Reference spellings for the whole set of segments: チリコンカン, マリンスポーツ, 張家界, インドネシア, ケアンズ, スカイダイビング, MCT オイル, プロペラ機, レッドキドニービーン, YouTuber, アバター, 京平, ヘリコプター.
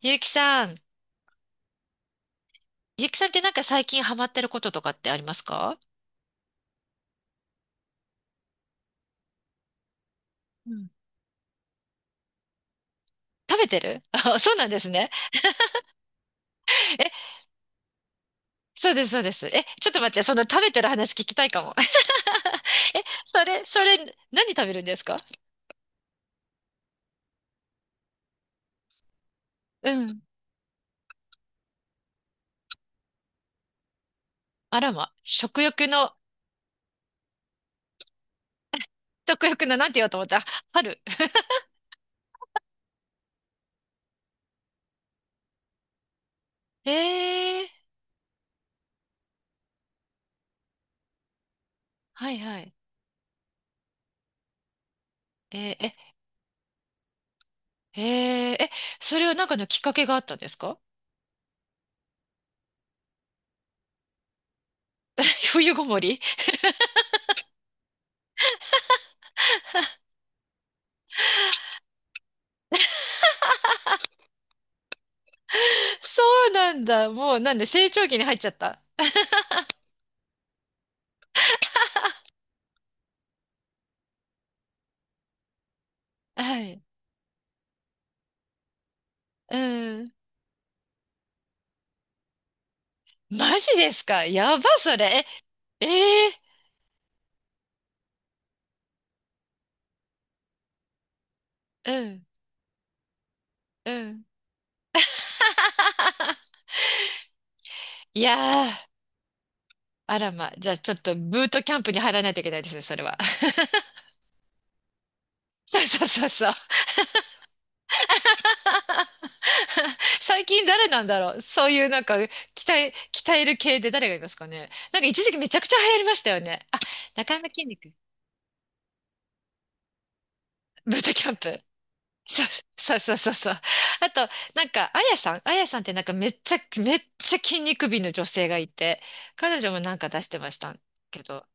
ゆうきさん、ゆうきさんってなんか最近ハマってることとかってありますか？うん、食べてる あ、そうなんですね。え、そうです、そうです。え、ちょっと待って、その食べてる話聞きたいかも。え、それ、何食べるんですか？うん。あらま、食欲の、なんて言おうと思った。あ、春。えー、はいはい。えー、え、えー、え、それはなんかのきっかけがあったんですか？ 冬ごもり？ そうなんだ。もう、なんで、成長期に入っちゃった。はい。うん。マジですかやば、それ。え、えー、うん、うん。いやー、あらま。じゃあ、ちょっとブートキャンプに入らないといけないですね、それは。そうそうそうそう。最近誰なんだろうそういうなんか、鍛える系で誰がいますかね？なんか一時期めちゃくちゃ流行りましたよね。あ、中山筋肉。ブートキャンプ。そうそうそうそうそう。あと、なんか、あやさんってなんかめっちゃ筋肉美の女性がいて、彼女もなんか出してましたけど。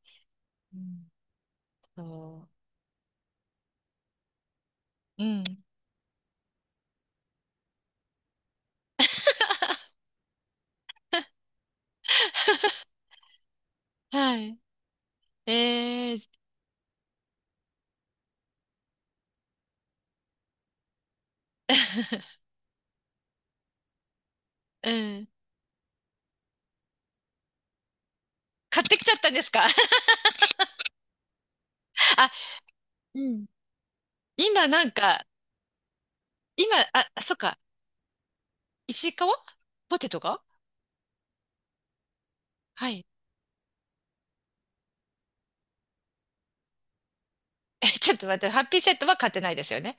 うん。そう。うん。はい。えー、うん。買ってきちゃったんですか？ あ、うん。今なんか、今、あ、そっか、石川ポテトが。はい。ちょっと待って、ハッピーセットは買ってないですよね。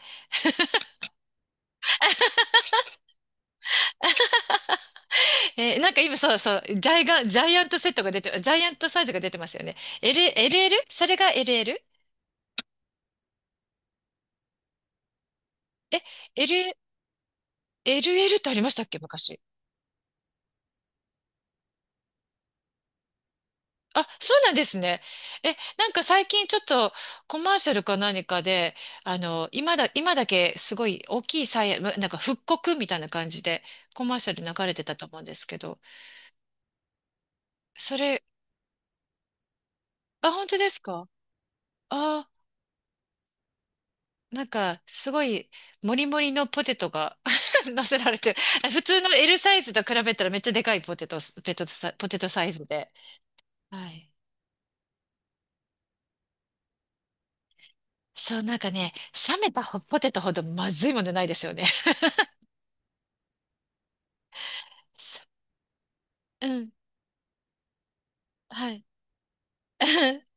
なんか今そうそう、ジャイアントセットが出て、ジャイアントサイズが出てますよね。L、LL？ それが LL？ え、L、LL ってありましたっけ昔？あ、そうなんですね。なんか最近ちょっとコマーシャルか何かで、あの、今だけすごい大きいサイヤ、まなんか復刻みたいな感じでコマーシャル流れてたと思うんですけど、それ、あ、本当ですか？あなんか、すごい、もりもりのポテトが 乗せられて普通の L サイズと比べたらめっちゃでかいポテト、ペトサ、ポテトサイズで。はい。そう、なんかね、冷めたポテトほどまずいものないですよね。うん。はい。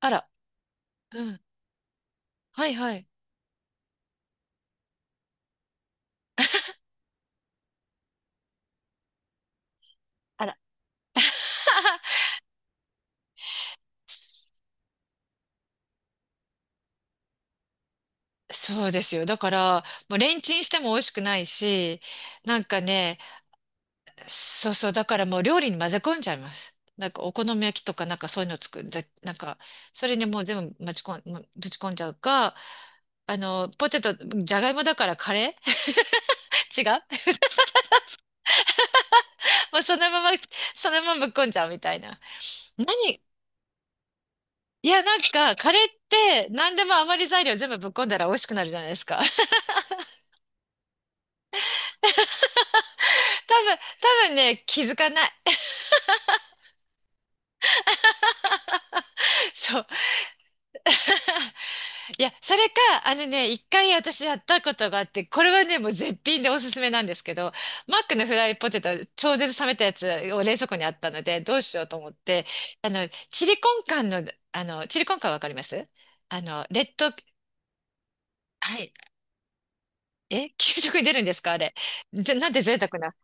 あら。うん。はいはい。あら、そうですよ。だから、もうレンチンしても美味しくないし、なんかね、そうそう、だからもう料理に混ぜ込んじゃいます。なんかお好み焼きとかなんかそういうの作る、なんか、それにもう全部ぶち込んじゃうか、あの、ポテト、じゃがいもだからカレー 違う。もうそのまま、ぶっこんじゃうみたいな。何いや、なんか、カレーって何でも余り材料全部ぶっこんだら美味しくなるじゃないですか。多分、多分ね、気づかない。そう。いや、それか、あのね、一回私やったことがあって、これはね、もう絶品でおすすめなんですけど、マックのフライポテト、超絶冷めたやつを冷蔵庫にあったので、どうしようと思って、あの、チリコンカンの、あの、チリコンカンわかりますあの、レッド、はい、え、給食に出るんですかあれ？なんて贅沢な。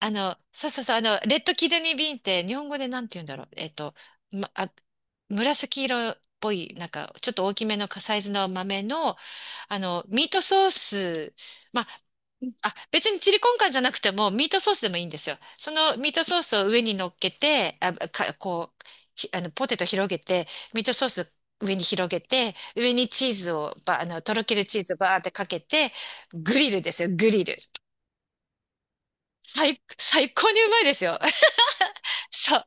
あの、そうそうそう、あの、レッドキドニービーンって、日本語でなんて言うんだろう。ま、あ、紫色っぽい、なんか、ちょっと大きめのサイズの豆の、あの、ミートソース、まあ、別にチリコンカンじゃなくてもミートソースでもいいんですよ。そのミートソースを上に乗っけて、あ、か、こう、ひあの、ポテト広げて、ミートソース上に広げて、上にチーズを、ば、あの、とろけるチーズをバーってかけて、グリルですよ、グリル。最高にうまいですよ。そう。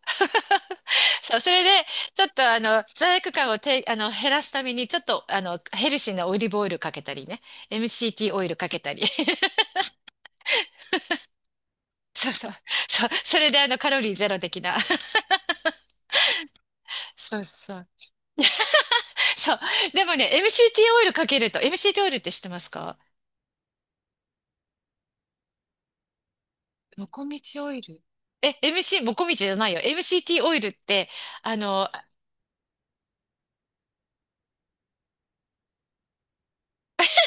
そう、それで、ちょっとあの、罪悪感をて、あの、減らすために、ちょっとあの、ヘルシーなオリーブオイルかけたりね、MCT オイルかけたり。そうそう。そう。それであのカロリーゼロ的な。そうそう。そう。でもね、MCT オイルかけると、MCT オイルって知ってますか？もこみちオイル。え、MC、もこみちじゃないよ。MCT オイルって、あの、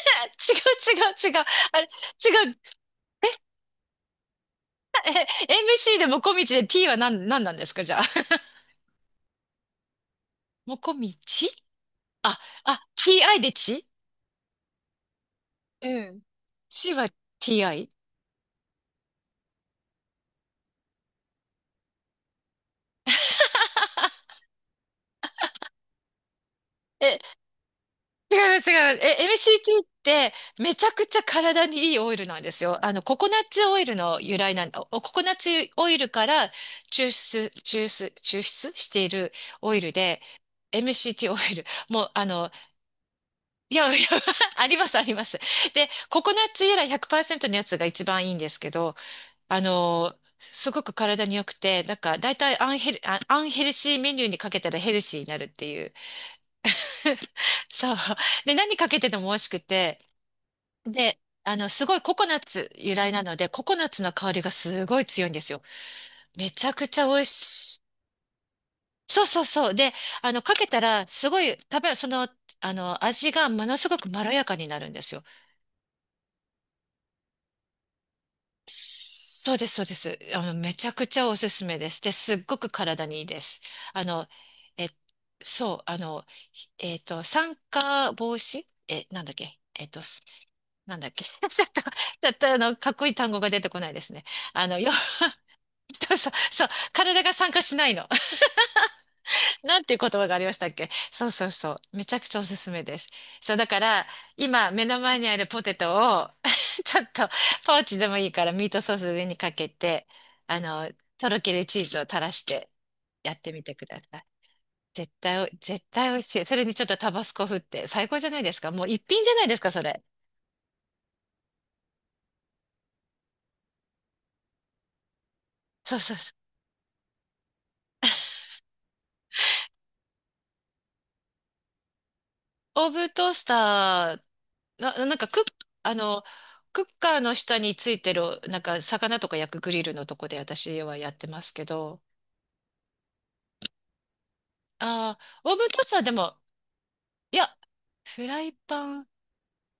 違う違う違う。あれ、違う。え、MC でもこみちで T は何なんですかじゃあ？もこみちTI でちうん。ちは TI。え、違います、違います。MCT ってめちゃくちゃ体にいいオイルなんですよ。あの、ココナッツオイルの由来なん、おココナッツオイルから抽出しているオイルで、MCT オイル。もう、あの、いや、いや、あります、あります。で、ココナッツ由来100%のやつが一番いいんですけど、あの、すごく体に良くて、なんか、だいたいアンヘルシーメニューにかけたらヘルシーになるっていう。そう。で、何かけてても美味しくて、で、あの、すごいココナッツ由来なので、ココナッツの香りがすごい強いんですよ。めちゃくちゃ美味しい。そうそうそう。で、あの、かけたら、すごい、食べ、その、あの、味がものすごくまろやかになるんですよ。そうです、そうです。あの、めちゃくちゃおすすめです。で、すっごく体にいいです。あの、え、そう、あの、酸化防止、なんだっけ、なんだっけ？ ちょっと、あの、かっこいい単語が出てこないですね。あの、そうそう、そう、体が参加しないの。なんていう言葉がありましたっけ？そうそうそう。めちゃくちゃおすすめです。そう、だから、今、目の前にあるポテトを ちょっと、ポーチでもいいから、ミートソース上にかけて、あの、とろけるチーズを垂らして、やってみてください。絶対美味しい。それにちょっとタバスコ振って、最高じゃないですか。もう一品じゃないですか、それ。そうそうそう。オーブントースター。なんかあの、クッカーの下についてる、なんか魚とか焼くグリルのとこで私はやってますけど、ああ、オーブントースターでも、いや、フライパン、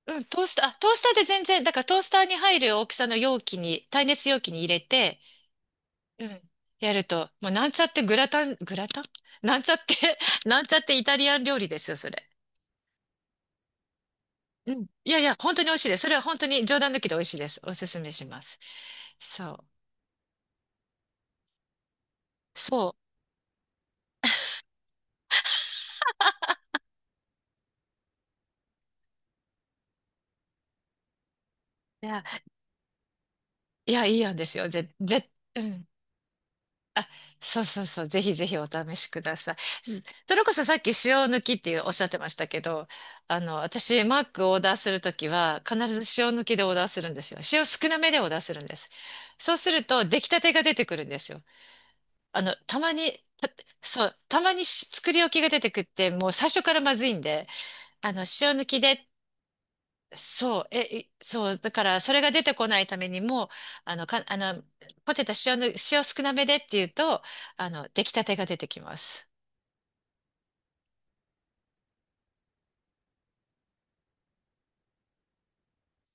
うん、トースター、トースターで全然、だからトースターに入る大きさの容器に、耐熱容器に入れて、うん、やると、もうなんちゃってグラタン、グラタン なんちゃって なんちゃってイタリアン料理ですよ、それ。うん。いやいや、本当に美味しいです。それは本当に冗談抜きで美味しいです。おすすめします。そう。そう。いやいや、いいんですよ。うん。あ、そうそうそう。ぜひぜひお試しください。ずそれこそさっき塩抜きっていうおっしゃってましたけど、あの、私、マックをオーダーするときは、必ず塩抜きでオーダーするんですよ。塩少なめでオーダーするんです。そうすると、出来たてが出てくるんですよ。あの、たまに、たそう、たまに作り置きが出てくって、もう最初からまずいんで、あの、塩抜きでそう、そう、だから、それが出てこないためにも、あの、ポテト塩の、塩少なめでっていうと、あの、出来たてが出てきます。